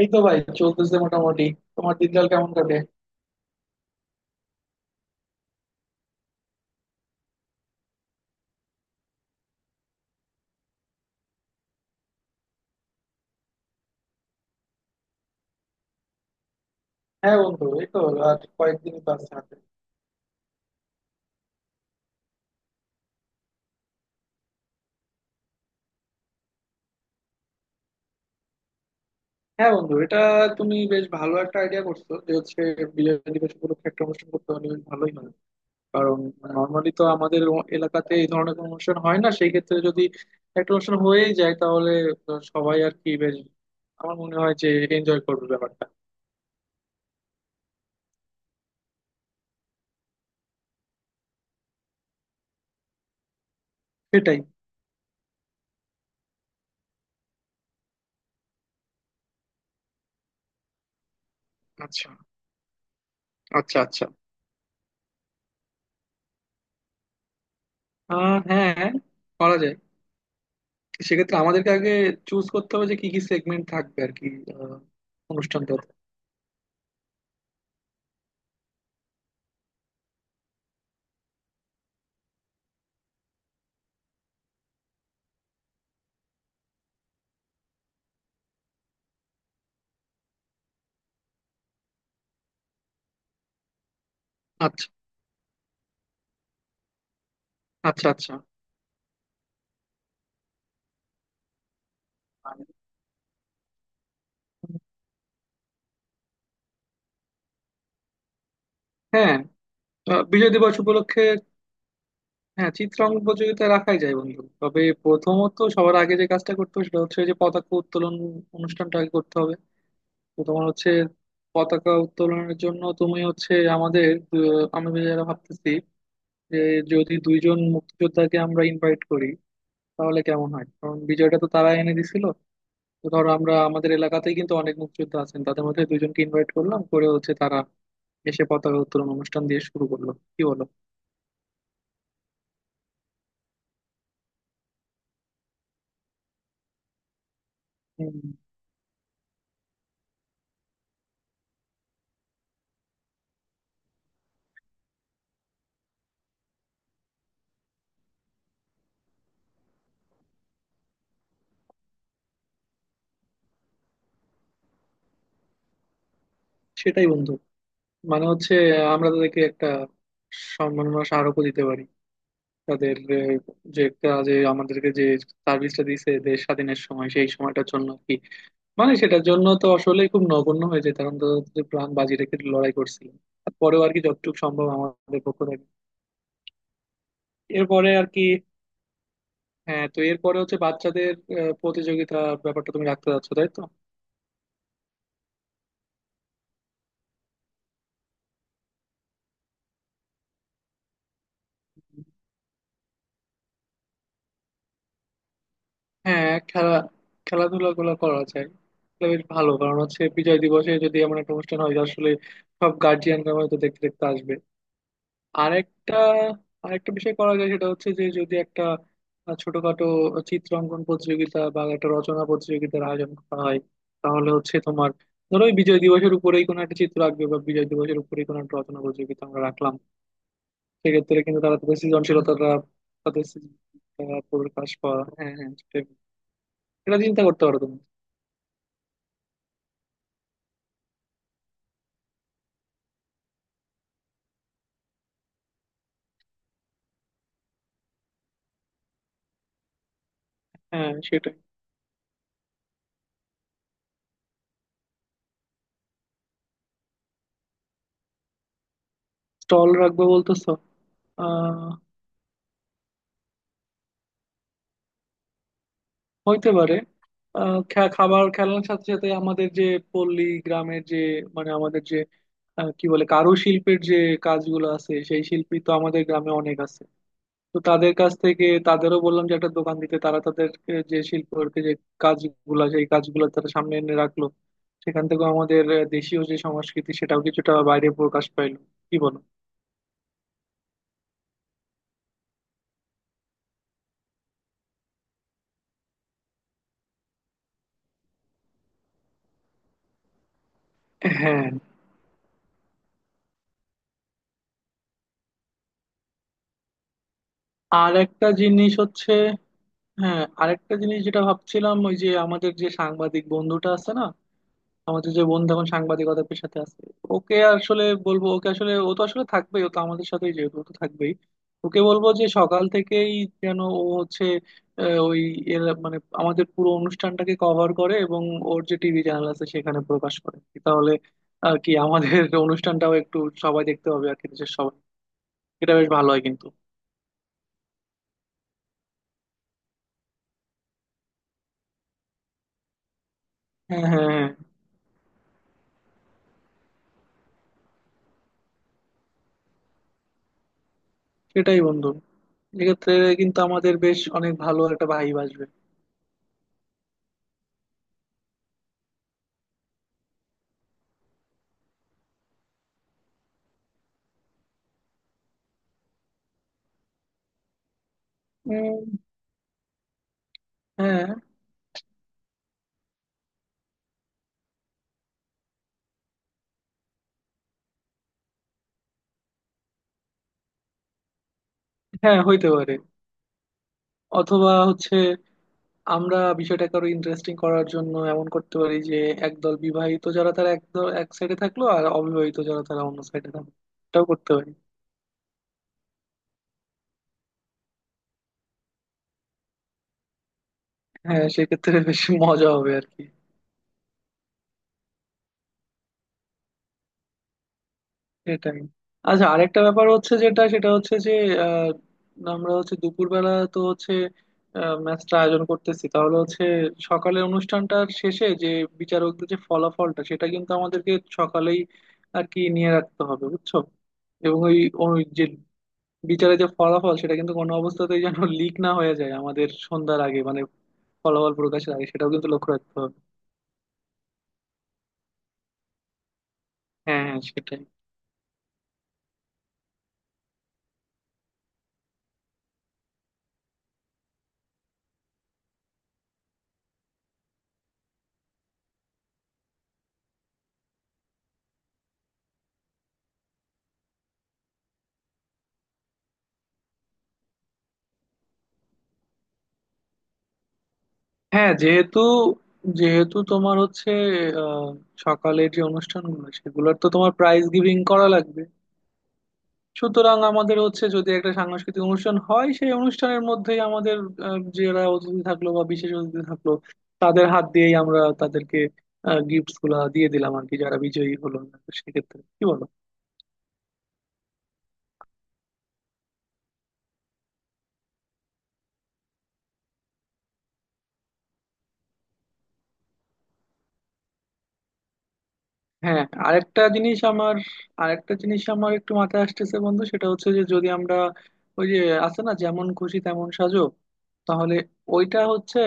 এই তো ভাই চলতেছে মোটামুটি। তোমার দিনকাল কেমন কাটে? হ্যাঁ বন্ধু, এই তো আর কয়েকদিনই তো আছে হাতে। হ্যাঁ বন্ধু, এটা তুমি বেশ ভালো একটা আইডিয়া করছো যে হচ্ছে বিজয় দিবস উপলক্ষে একটা অনুষ্ঠান করতে পারলে বেশ ভালোই হয়। কারণ নর্মালি তো আমাদের এলাকাতে এই ধরনের কোনো অনুষ্ঠান হয় না। সেই ক্ষেত্রে যদি একটা অনুষ্ঠান হয়েই যায় তাহলে তো সবাই আর কি বেশ, আমার মনে হয় যে এনজয় করবে ব্যাপারটা। সেটাই। আচ্ছা, আচ্ছা। আহ হ্যাঁ, করা যায়। সেক্ষেত্রে আমাদেরকে আগে চুজ করতে হবে যে কি কি সেগমেন্ট থাকবে আর কি আহ, অনুষ্ঠানটাতে। আচ্ছা, আচ্ছা। হ্যাঁ। বিজয় দিবস উপলক্ষে হ্যাঁ চিত্রাঙ্কন প্রতিযোগিতা রাখাই যায় বন্ধু। তবে প্রথমত সবার আগে যে কাজটা করতে হবে সেটা হচ্ছে যে পতাকা উত্তোলন অনুষ্ঠানটা আগে করতে হবে। তো তোমার হচ্ছে পতাকা উত্তোলনের জন্য তুমি হচ্ছে আমাদের আমি যারা ভাবতেছি যে যদি দুইজন মুক্তিযোদ্ধাকে আমরা ইনভাইট করি তাহলে কেমন হয়? কারণ বিজয়টা তো তারা এনে দিছিল। তো ধরো আমরা আমাদের এলাকাতেই কিন্তু অনেক মুক্তিযোদ্ধা আছেন, তাদের মধ্যে দুইজনকে ইনভাইট করলাম, করে হচ্ছে তারা এসে পতাকা উত্তোলন অনুষ্ঠান দিয়ে শুরু করলো, কি বলো? হুম, সেটাই বন্ধু। মানে হচ্ছে আমরা তাদেরকে একটা সম্মাননা স্মারকও দিতে পারি তাদের যে কাজে আমাদেরকে যে সার্ভিসটা দিয়েছে দেশ স্বাধীনের সময়, সেই সময়টার জন্য আর কি। মানে সেটার জন্য তো আসলে খুব নগণ্য হয়ে যেত, কারণ তারা তো প্রাণ বাজি রেখে লড়াই করছিল। তারপরেও আর কি যতটুকু সম্ভব আমাদের পক্ষ থেকে। এরপরে আর কি হ্যাঁ, তো এরপরে হচ্ছে বাচ্চাদের প্রতিযোগিতার ব্যাপারটা তুমি রাখতে যাচ্ছ, তাই তো? হ্যাঁ, খেলা খেলাধুলা গুলো করা যায়। এটা বেশ ভালো, কারণ হচ্ছে বিজয় দিবসে যদি এমন একটা অনুষ্ঠান হয় যে আসলে সব গার্জিয়ানরা হয়তো দেখতে দেখতে আসবে। আরেকটা আরেকটা বিষয় করা যায় সেটা হচ্ছে যে যদি একটা ছোটখাটো চিত্রাঙ্কন প্রতিযোগিতা বা একটা রচনা প্রতিযোগিতার আয়োজন করা হয়, তাহলে হচ্ছে তোমার ধরো ওই বিজয় দিবসের উপরেই কোনো একটা চিত্র আঁকবে বা বিজয় দিবসের উপরেই কোনো একটা রচনা প্রতিযোগিতা আমরা রাখলাম। সেক্ষেত্রে কিন্তু তারা তাদের সৃজনশীলতাটা, তাদের সৃজনশীলতা প্রকাশ পাওয়া, হ্যাঁ হ্যাঁ, সেটাই। এটা চিন্তা করতে পারো তুমি। হ্যাঁ সেটাই। স্টল রাখবো বলতেছো? আহ হইতে পারে। আহ খাবার খেলার সাথে সাথে আমাদের যে পল্লী গ্রামের যে, মানে আমাদের যে কি বলে কারুশিল্পের যে কাজগুলো আছে, সেই শিল্পী তো আমাদের গ্রামে অনেক আছে। তো তাদের কাছ থেকে তাদেরও বললাম যে একটা দোকান দিতে, তারা তাদেরকে যে শিল্পের যে কাজগুলা সেই কাজগুলো তারা সামনে এনে রাখলো। সেখান থেকেও আমাদের দেশীয় যে সংস্কৃতি সেটাও কিছুটা বাইরে প্রকাশ পাইলো। কি বলো? হ্যাঁ, আর একটা জিনিস হচ্ছে, হ্যাঁ আরেকটা জিনিস যেটা ভাবছিলাম ওই যে আমাদের যে সাংবাদিক বন্ধুটা আছে না, আমাদের যে বন্ধু এখন সাংবাদিকতার পেশাতে আছে, ওকে আসলে বলবো। ওকে আসলে, ও তো আসলে থাকবেই, ও তো আমাদের সাথেই যেহেতু ও তো থাকবেই, ওকে বলবো যে সকাল থেকেই যেন ও হচ্ছে ওই মানে আমাদের পুরো অনুষ্ঠানটাকে কভার করে এবং ওর যে টিভি চ্যানেল আছে সেখানে প্রকাশ করে। তাহলে আর কি আমাদের অনুষ্ঠানটাও একটু সবাই দেখতে হবে আর কি, দেশের সবাই। এটা বেশ ভালো হয় কিন্তু। হ্যাঁ, হ্যাঁ, হ্যাঁ, সেটাই বন্ধু। এক্ষেত্রে কিন্তু আমাদের বেশ অনেক ভালো একটা ভাইব আসবে। উম, হ্যাঁ হ্যাঁ, হইতে পারে। অথবা হচ্ছে আমরা বিষয়টাকে আরো ইন্টারেস্টিং করার জন্য এমন করতে পারি যে একদল বিবাহিত যারা তারা একদল এক সাইডে থাকলো, আর অবিবাহিত যারা তারা অন্য সাইডে থাকলো। এটাও করতে পারি। হ্যাঁ, সেক্ষেত্রে বেশ মজা হবে আর কি। এটাই। আচ্ছা, আরেকটা ব্যাপার হচ্ছে যেটা সেটা হচ্ছে যে আহ আমরা হচ্ছে দুপুরবেলা তো হচ্ছে ম্যাচটা আয়োজন করতেছি, তাহলে হচ্ছে সকালে অনুষ্ঠানটার শেষে যে বিচারকদের যে ফলাফলটা সেটা কিন্তু আমাদেরকে সকালেই আর কি নিয়ে রাখতে হবে, বুঝছো? এবং ওই ওই যে বিচারে যে ফলাফল সেটা কিন্তু কোনো অবস্থাতেই যেন লিক না হয়ে যায় আমাদের সন্ধ্যার আগে, মানে ফলাফল প্রকাশের আগে। সেটাও কিন্তু লক্ষ্য রাখতে হবে। হ্যাঁ হ্যাঁ সেটাই। হ্যাঁ, যেহেতু যেহেতু তোমার হচ্ছে আহ, সকালের যে অনুষ্ঠানগুলো সেগুলোর তো তোমার প্রাইজ গিভিং করা লাগবে, সুতরাং আমাদের হচ্ছে যদি একটা সাংস্কৃতিক অনুষ্ঠান হয় সেই অনুষ্ঠানের মধ্যেই আমাদের যারা অতিথি থাকলো বা বিশেষ অতিথি থাকলো, তাদের হাত দিয়েই আমরা তাদেরকে গিফট গুলা দিয়ে দিলাম আর কি, যারা বিজয়ী হলো। সেক্ষেত্রে কি বলো? হ্যাঁ, আরেকটা জিনিস আমার, আরেকটা জিনিস আমার একটু মাথায় আসতেছে বন্ধু সেটা হচ্ছে যে যদি আমরা ওই যে আছে না যেমন খুশি তেমন সাজো, তাহলে ওইটা হচ্ছে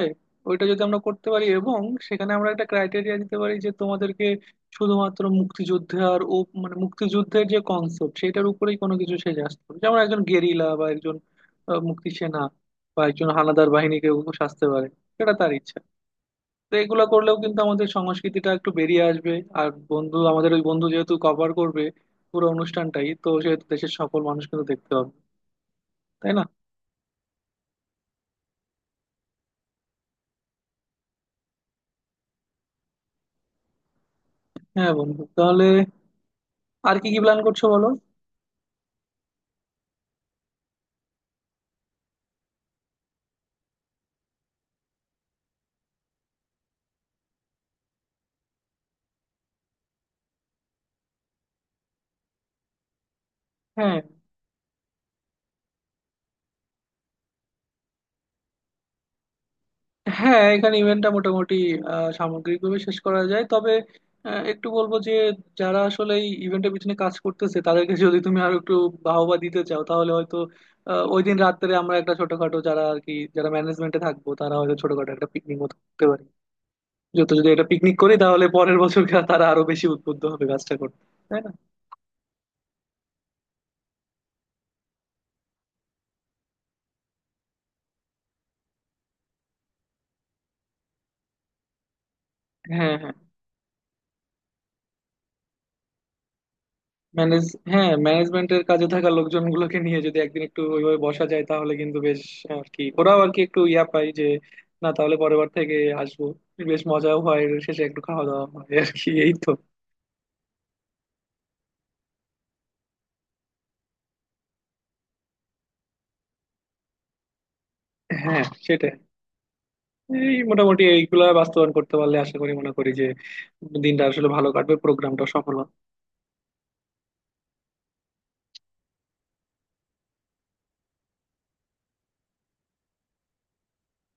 ওইটা যদি আমরা করতে পারি, এবং সেখানে আমরা একটা ক্রাইটেরিয়া দিতে পারি যে তোমাদেরকে শুধুমাত্র মুক্তিযুদ্ধে আর ও, মানে মুক্তিযুদ্ধের যে কনসেপ্ট সেটার উপরেই কোনো কিছু সেজে আসতে হবে, যেমন একজন গেরিলা বা একজন মুক্তিসেনা বা একজন হানাদার বাহিনীকে ও সাজতে পারে, সেটা তার ইচ্ছা। তো এগুলো করলেও কিন্তু আমাদের সংস্কৃতিটা একটু বেরিয়ে আসবে। আর বন্ধু আমাদের ওই বন্ধু যেহেতু কভার করবে পুরো অনুষ্ঠানটাই, তো সেহেতু দেশের সকল মানুষ কিন্তু দেখতে পাবে, তাই না? হ্যাঁ বন্ধু। তাহলে আর কি কি প্ল্যান করছো বলো। হ্যাঁ হ্যাঁ, এখানে ইভেন্টটা মোটামুটি সামগ্রিকভাবে শেষ করা যায়, তবে একটু বলবো যে যারা আসলে এই ইভেন্টের পিছনে কাজ করতেছে তাদেরকে যদি তুমি আরো একটু বাহবা দিতে চাও, তাহলে হয়তো ওই দিন রাত্রে আমরা একটা ছোটখাটো, যারা আর কি যারা ম্যানেজমেন্টে থাকবো তারা হয়তো ছোটখাটো একটা পিকনিক মতো করতে পারি। যত যদি এটা পিকনিক করি তাহলে পরের বছর তারা আরো বেশি উদ্বুদ্ধ হবে কাজটা করতে, তাই না? হ্যাঁ হ্যাঁ ম্যানেজ, হ্যাঁ ম্যানেজমেন্টের কাজে থাকা লোকজন গুলোকে নিয়ে যদি একদিন একটু ওইভাবে বসা যায়, তাহলে কিন্তু বেশ আর কি ওরাও আর কি একটু ইয়া পায় যে না তাহলে পরের বার থেকে আসবো। বেশ মজাও হয়, এর শেষে একটু খাওয়া দাওয়া হয় আর কি, এই তো। হ্যাঁ সেটাই। এই মোটামুটি এইগুলা বাস্তবায়ন করতে পারলে আশা করি, মনে করি যে দিনটা আসলে ভালো কাটবে, প্রোগ্রামটা সফল হবে।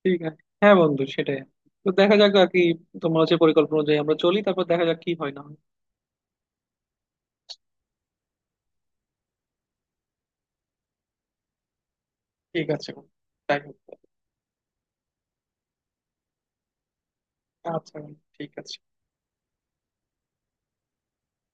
ঠিক আছে হ্যাঁ বন্ধু, সেটাই। তো দেখা যাক আর কি, তোমার হচ্ছে পরিকল্পনা অনুযায়ী আমরা চলি, তারপর দেখা যাক কি হয় না হয়। ঠিক আছে বন্ধু। তাই হোক। আচ্ছা বন্ধু, ঠিক আছে।